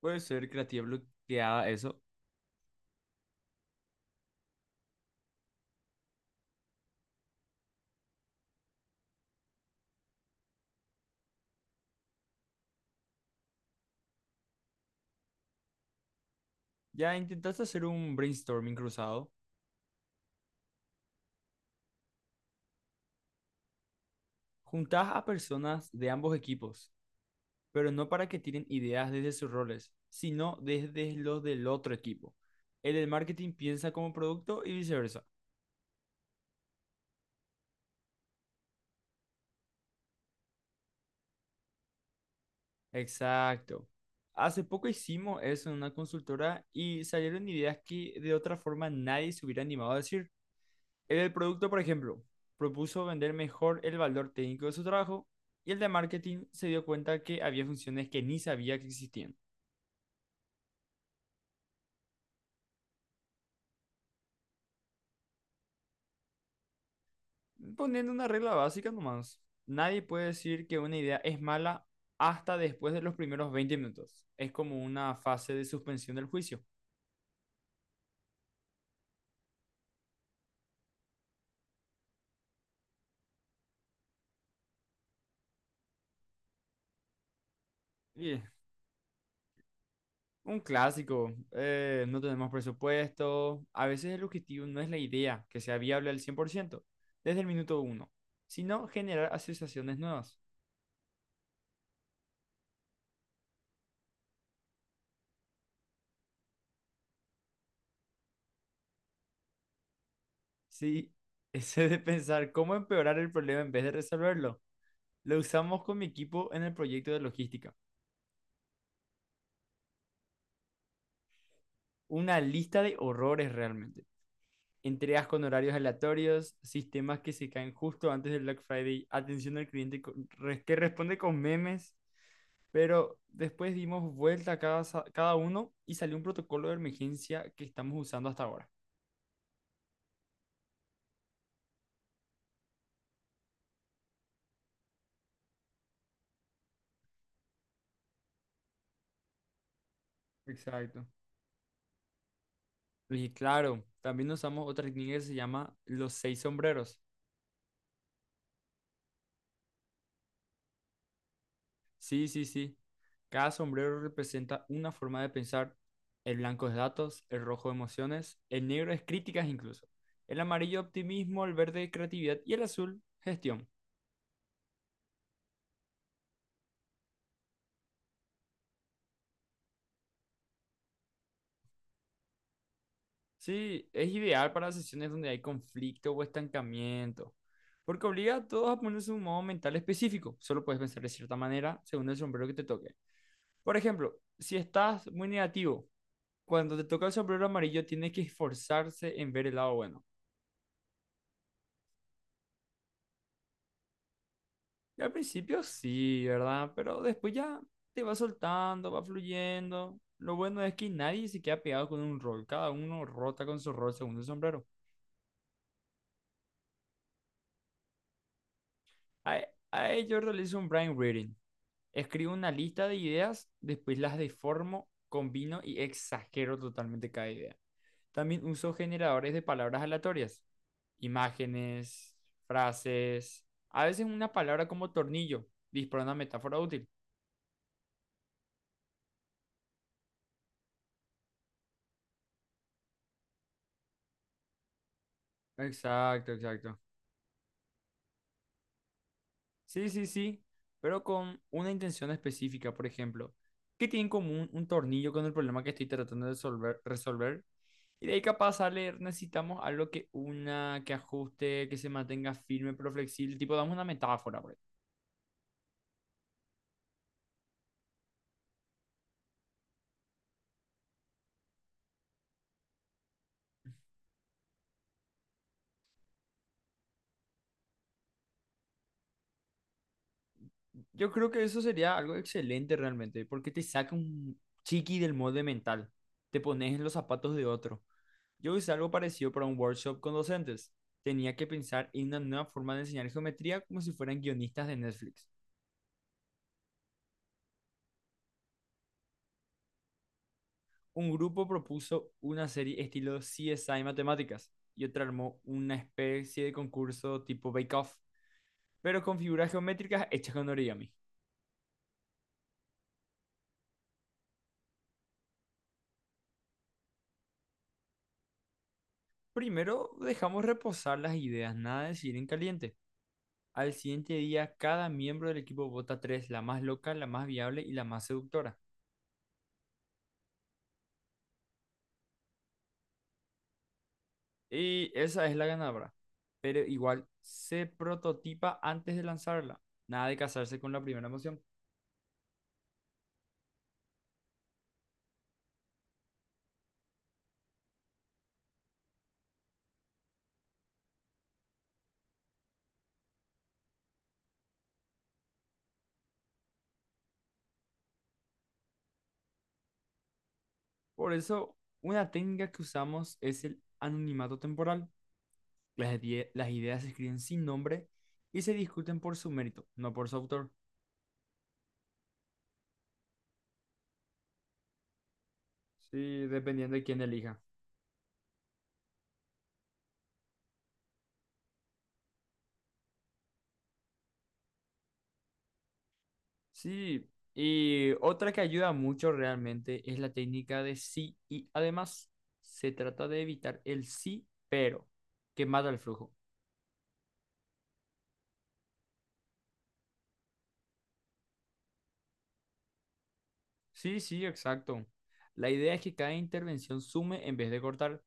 Puede ser creativa bloqueada eso. ¿Ya intentaste hacer un brainstorming cruzado? Juntás a personas de ambos equipos, pero no para que tiren ideas desde sus roles, sino desde los del otro equipo. El del marketing piensa como producto y viceversa. Exacto. Hace poco hicimos eso en una consultora y salieron ideas que de otra forma nadie se hubiera animado a decir. El producto, por ejemplo, propuso vender mejor el valor técnico de su trabajo y el de marketing se dio cuenta que había funciones que ni sabía que existían. Poniendo una regla básica nomás, nadie puede decir que una idea es mala hasta después de los primeros 20 minutos. Es como una fase de suspensión del juicio. Y un clásico, no tenemos presupuesto. A veces el objetivo no es la idea que sea viable al 100% desde el minuto uno, sino generar asociaciones nuevas. Sí, ese de pensar cómo empeorar el problema en vez de resolverlo. Lo usamos con mi equipo en el proyecto de logística. Una lista de horrores realmente. Entregas con horarios aleatorios, sistemas que se caen justo antes del Black Friday, atención al cliente que responde con memes. Pero después dimos vuelta a cada, cada uno y salió un protocolo de emergencia que estamos usando hasta ahora. Exacto. Y claro, también usamos otra técnica que se llama los 6 sombreros. Sí, sí, sí. Cada sombrero representa una forma de pensar. El blanco es datos, el rojo emociones, el negro es críticas incluso, el amarillo optimismo, el verde creatividad y el azul gestión. Sí, es ideal para sesiones donde hay conflicto o estancamiento, porque obliga a todos a ponerse un modo mental específico. Solo puedes pensar de cierta manera según el sombrero que te toque. Por ejemplo, si estás muy negativo, cuando te toca el sombrero amarillo tienes que esforzarse en ver el lado bueno. Y al principio sí, ¿verdad? Pero después ya te va soltando, va fluyendo. Lo bueno es que nadie se queda pegado con un rol. Cada uno rota con su rol según su sombrero. A, a ello realizo un brain reading. Escribo una lista de ideas, después las deformo, combino y exagero totalmente cada idea. También uso generadores de palabras aleatorias. Imágenes, frases. A veces una palabra como tornillo dispara una metáfora útil. Exacto, exacto. Sí, sí, sí, pero con una intención específica, por ejemplo, ¿qué tiene en común un tornillo con el problema que estoy tratando de resolver? Y de ahí capaz sale, necesitamos algo que una, que ajuste, que se mantenga firme pero flexible, tipo damos una metáfora, por ejemplo. Yo creo que eso sería algo excelente realmente, porque te saca un chiqui del molde mental, te pones en los zapatos de otro. Yo hice algo parecido para un workshop con docentes. Tenía que pensar en una nueva forma de enseñar geometría como si fueran guionistas de Netflix. Un grupo propuso una serie estilo CSI Matemáticas y otro armó una especie de concurso tipo Bake Off, pero con figuras geométricas hechas con origami. Primero dejamos reposar las ideas, nada de decir en caliente. Al siguiente día, cada miembro del equipo vota tres, la más loca, la más viable y la más seductora. Y esa es la ganadora. Pero igual se prototipa antes de lanzarla. Nada de casarse con la primera emoción. Por eso, una técnica que usamos es el anonimato temporal. Las ideas se escriben sin nombre y se discuten por su mérito, no por su autor. Sí, dependiendo de quién elija. Sí, y otra que ayuda mucho realmente es la técnica de sí y además. Se trata de evitar el sí, pero, que mata el flujo. Sí, sí, exacto. La idea es que cada intervención sume en vez de cortar.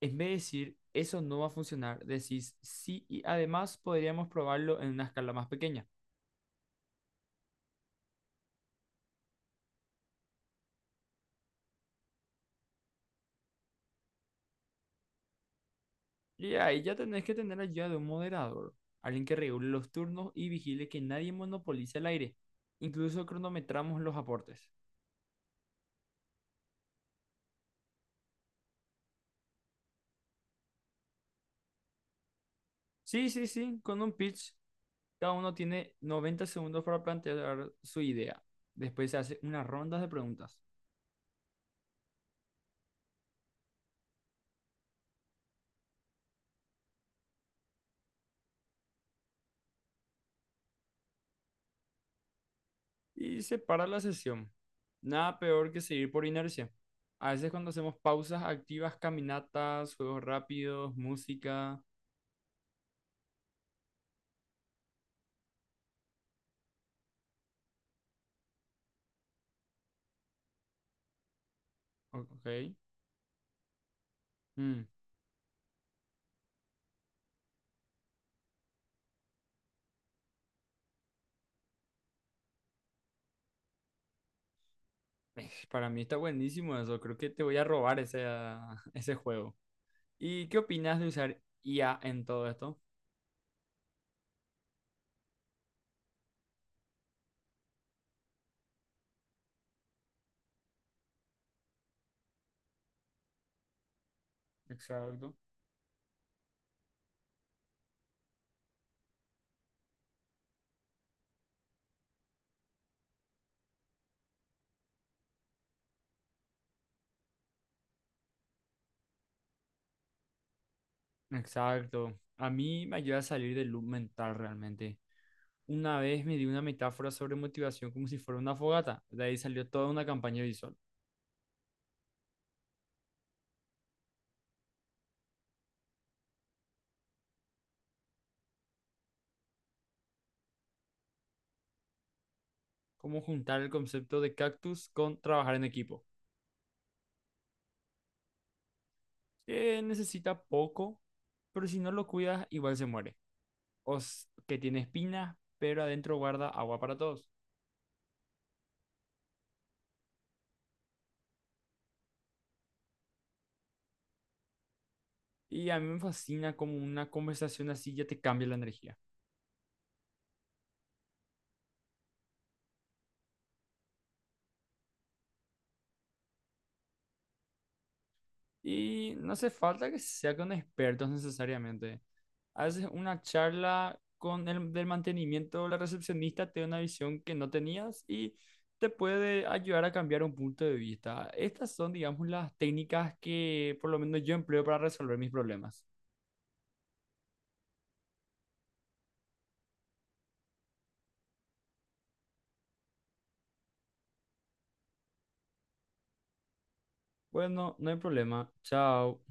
En vez de decir, eso no va a funcionar, decís sí y además podríamos probarlo en una escala más pequeña. Y ahí ya tenés que tener ayuda de un moderador, alguien que regule los turnos y vigile que nadie monopolice el aire. Incluso cronometramos los aportes. Sí, sí, sí, con un pitch, cada uno tiene 90 segundos para plantear su idea. Después se hace unas rondas de preguntas y se para la sesión. Nada peor que seguir por inercia. A veces cuando hacemos pausas activas, caminatas, juegos rápidos, música. O- Ok. Mm. Para mí está buenísimo eso. Creo que te voy a robar ese, ese juego. ¿Y qué opinas de usar IA en todo esto? Exacto. Exacto. A mí me ayuda a salir del loop mental realmente. Una vez me di una metáfora sobre motivación como si fuera una fogata. De ahí salió toda una campaña visual. Cómo juntar el concepto de cactus con trabajar en equipo. Que necesita poco, pero si no lo cuidas, igual se muere. Que tiene espinas, pero adentro guarda agua para todos. Y a mí me fascina como una conversación así ya te cambia la energía. Y no hace falta que sea con expertos necesariamente. A veces una charla con el del mantenimiento, o la recepcionista te da una visión que no tenías y te puede ayudar a cambiar un punto de vista. Estas son, digamos, las técnicas que por lo menos yo empleo para resolver mis problemas. Bueno, no hay problema. Chao.